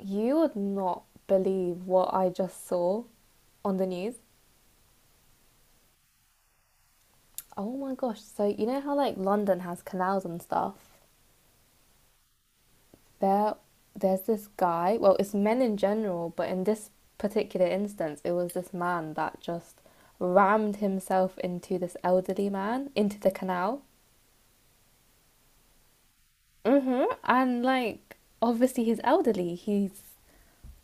You would not believe what I just saw on the news. Oh my gosh. So you know how like London has canals and stuff? There there's this guy, well, it's men in general, but in this particular instance, it was this man that just rammed himself into this elderly man into the canal. Mhm. And like obviously he's elderly. He's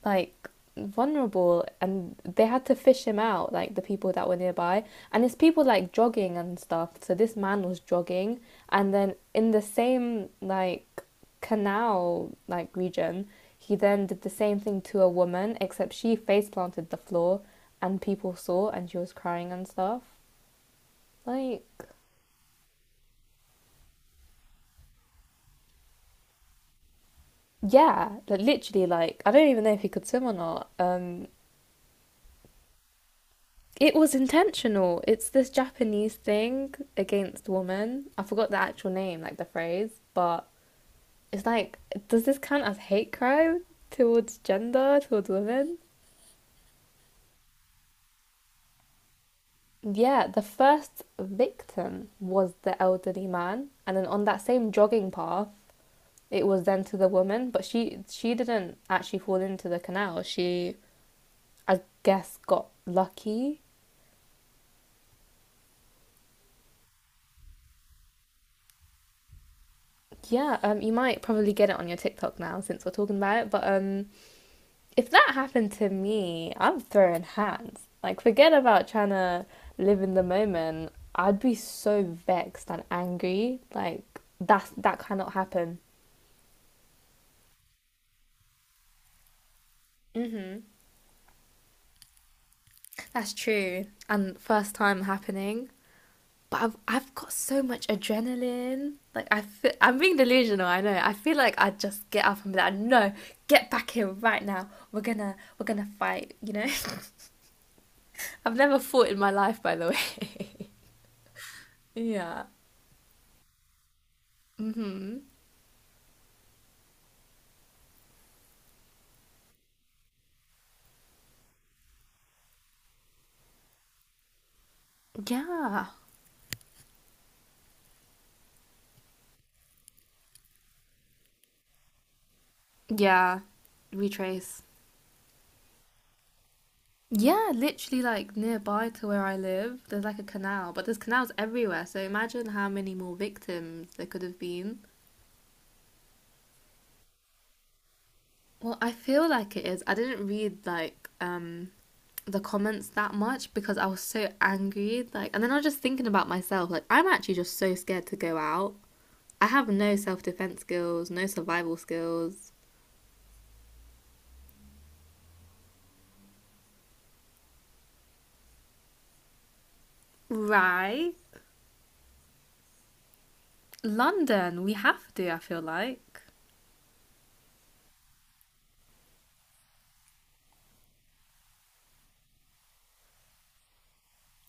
like vulnerable, and they had to fish him out, like the people that were nearby, and it's people like jogging and stuff. So this man was jogging, and then in the same like canal like region he then did the same thing to a woman, except she face planted the floor and people saw and she was crying and stuff like. Yeah, like literally, like I don't even know if he could swim or not. It was intentional. It's this Japanese thing against women. I forgot the actual name, like the phrase, but it's like, does this count as hate crime towards gender, towards women? Yeah, the first victim was the elderly man, and then on that same jogging path, it was then to the woman, but she didn't actually fall into the canal. She, I guess, got lucky. Yeah, you might probably get it on your TikTok now since we're talking about it, but if that happened to me, I'm throwing hands. Like, forget about trying to live in the moment. I'd be so vexed and angry. Like, that cannot happen. That's true. And first time happening, but I've got so much adrenaline. Like I feel, I'm being delusional. I know. I feel like I'd just get up and be like, no, get back here right now. We're gonna fight. You know. I've never fought in my life, by the way. yeah. Mhm. Yeah. Yeah, retrace. Yeah, literally like nearby to where I live, there's like a canal, but there's canals everywhere. So imagine how many more victims there could have been. Well, I feel like it is. I didn't read like the comments that much because I was so angry. Like, and then I was just thinking about myself. Like, I'm actually just so scared to go out. I have no self defense skills, no survival skills. Right. London, we have to, I feel like.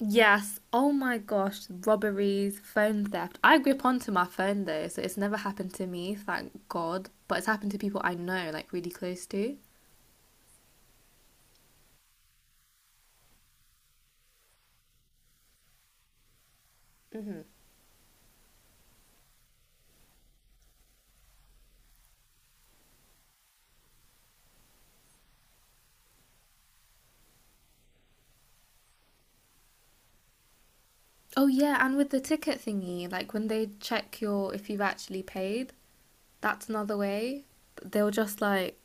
Yes. Oh my gosh. Robberies, phone theft. I grip onto my phone though, so it's never happened to me, thank God. But it's happened to people I know, like really close to. Oh yeah, and with the ticket thingy, like when they check your if you've actually paid, that's another way. They'll just like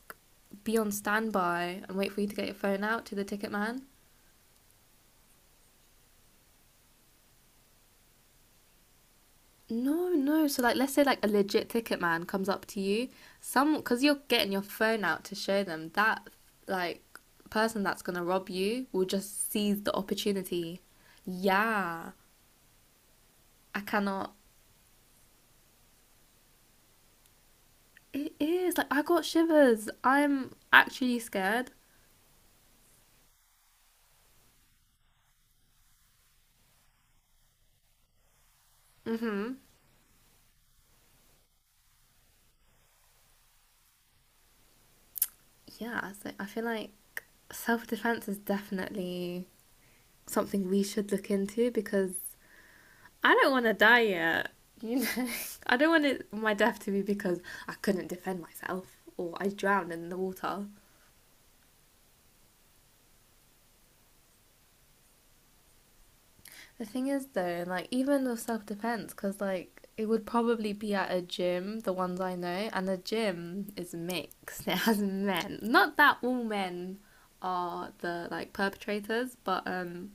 be on standby and wait for you to get your phone out to the ticket man. No, no. So, like, let's say, like, a legit ticket man comes up to you, some, because you're getting your phone out to show them, that, like, person that's gonna rob you will just seize the opportunity. Yeah, I cannot. It is, like, I got shivers. I'm actually scared. Mm-hmm. Yeah, so I feel like self-defense is definitely something we should look into because I don't want to die yet. You know, I don't want it, my death to be because I couldn't defend myself or I drowned in the water. The thing is, though, like even with self defense, because like it would probably be at a gym, the ones I know, and the gym is mixed. It has men. Not that all men are the like perpetrators, but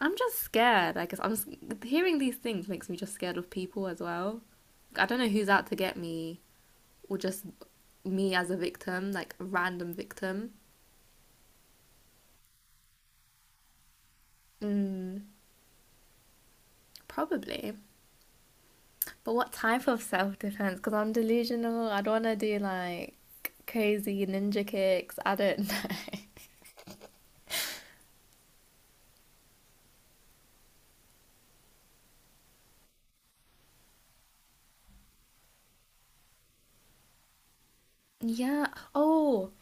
I'm just scared. I guess I'm hearing these things makes me just scared of people as well. I don't know who's out to get me, or just me as a victim, like a random victim? Mm, probably. But what type of self defense? Because I'm delusional. I don't want to do like crazy ninja kicks. I don't know. yeah. Oh,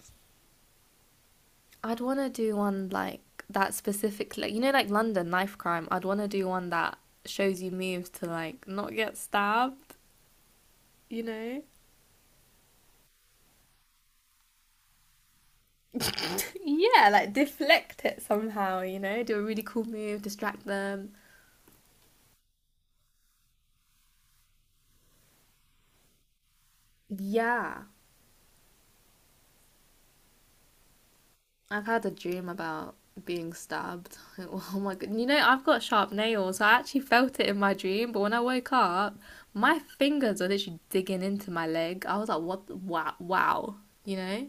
I'd want to do one like that specifically. You know, like London knife crime. I'd want to do one that shows you moves to like not get stabbed. You know. yeah, like deflect it somehow. You know, do a really cool move, distract them. Yeah. I've had a dream about being stabbed. Oh my god! You know, I've got sharp nails. I actually felt it in my dream, but when I woke up, my fingers are literally digging into my leg. I was like, "What? Wow! Wow!" You know,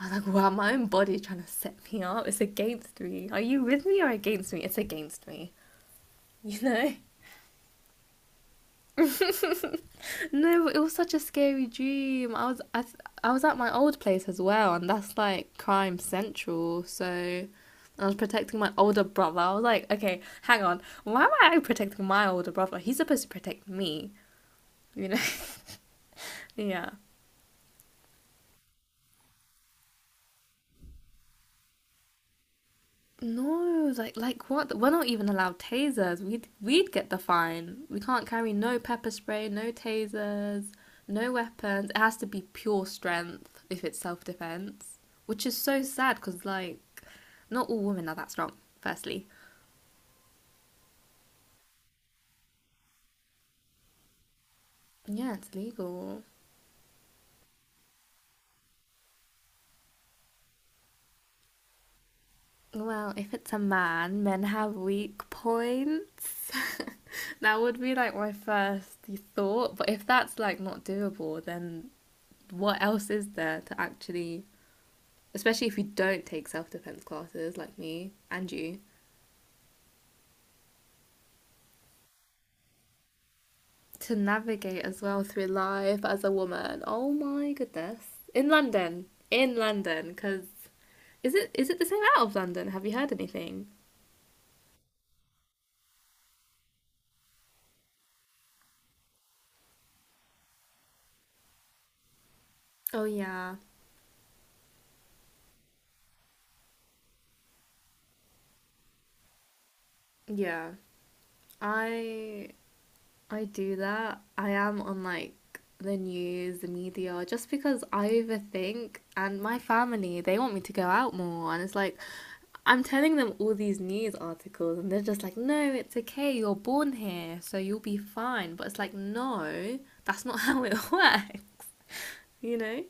I was like, "Wow!" My own body trying to set me up. It's against me. Are you with me or against me? It's against me. You know. no, it was such a scary dream. I was at my old place as well, and that's like crime central. So I was protecting my older brother. I was like, okay, hang on, why am I protecting my older brother? He's supposed to protect me, you know? yeah. No, like what? We're not even allowed tasers. We'd get the fine. We can't carry no pepper spray, no tasers, no weapons. It has to be pure strength if it's self defense, which is so sad because like not all women are that strong. Firstly, yeah, it's legal. Well, if it's a man, men have weak points. that would be like my first thought. But if that's like not doable, then what else is there to actually especially if you don't take self defense classes like me and you, to navigate as well through life as a woman. Oh my goodness. In London. In London. Because is it the same out of London? Have you heard anything? Oh, yeah. Yeah. I I do that. I am on like the news, the media, just because I overthink, and my family, they want me to go out more. And it's like, I'm telling them all these news articles and they're just like, no, it's okay. You're born here, so you'll be fine. But it's like, no, that's not how it works, you know?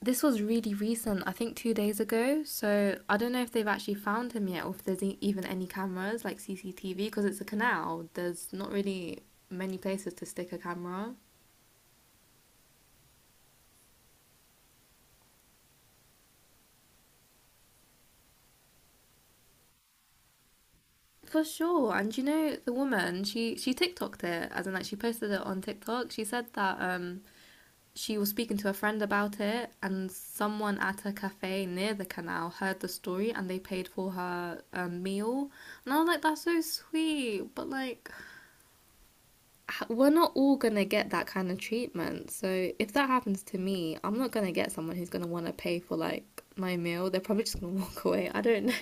This was really recent, I think 2 days ago. So I don't know if they've actually found him yet, or if there's e- even any cameras like CCTV because it's a canal. There's not really many places to stick a camera. For sure. And you know, the woman, she TikToked it, as in like she posted it on TikTok. She said that she was speaking to a friend about it and someone at a cafe near the canal heard the story and they paid for her meal. And I was like, that's so sweet, but like we're not all going to get that kind of treatment. So if that happens to me, I'm not going to get someone who's going to want to pay for like my meal. They're probably just going to walk away. I don't know.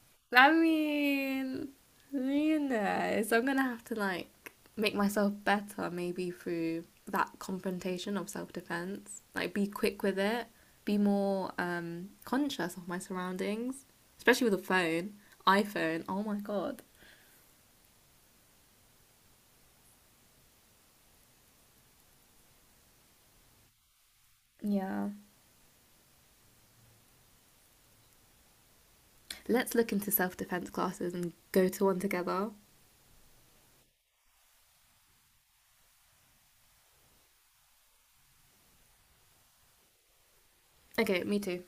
I mean, you know, so I'm going to have to like make myself better maybe through that confrontation of self-defense. Like be quick with it, be more conscious of my surroundings, especially with a phone, iPhone. Oh my God. Yeah. Let's look into self defense classes and go to one together. Okay, me too.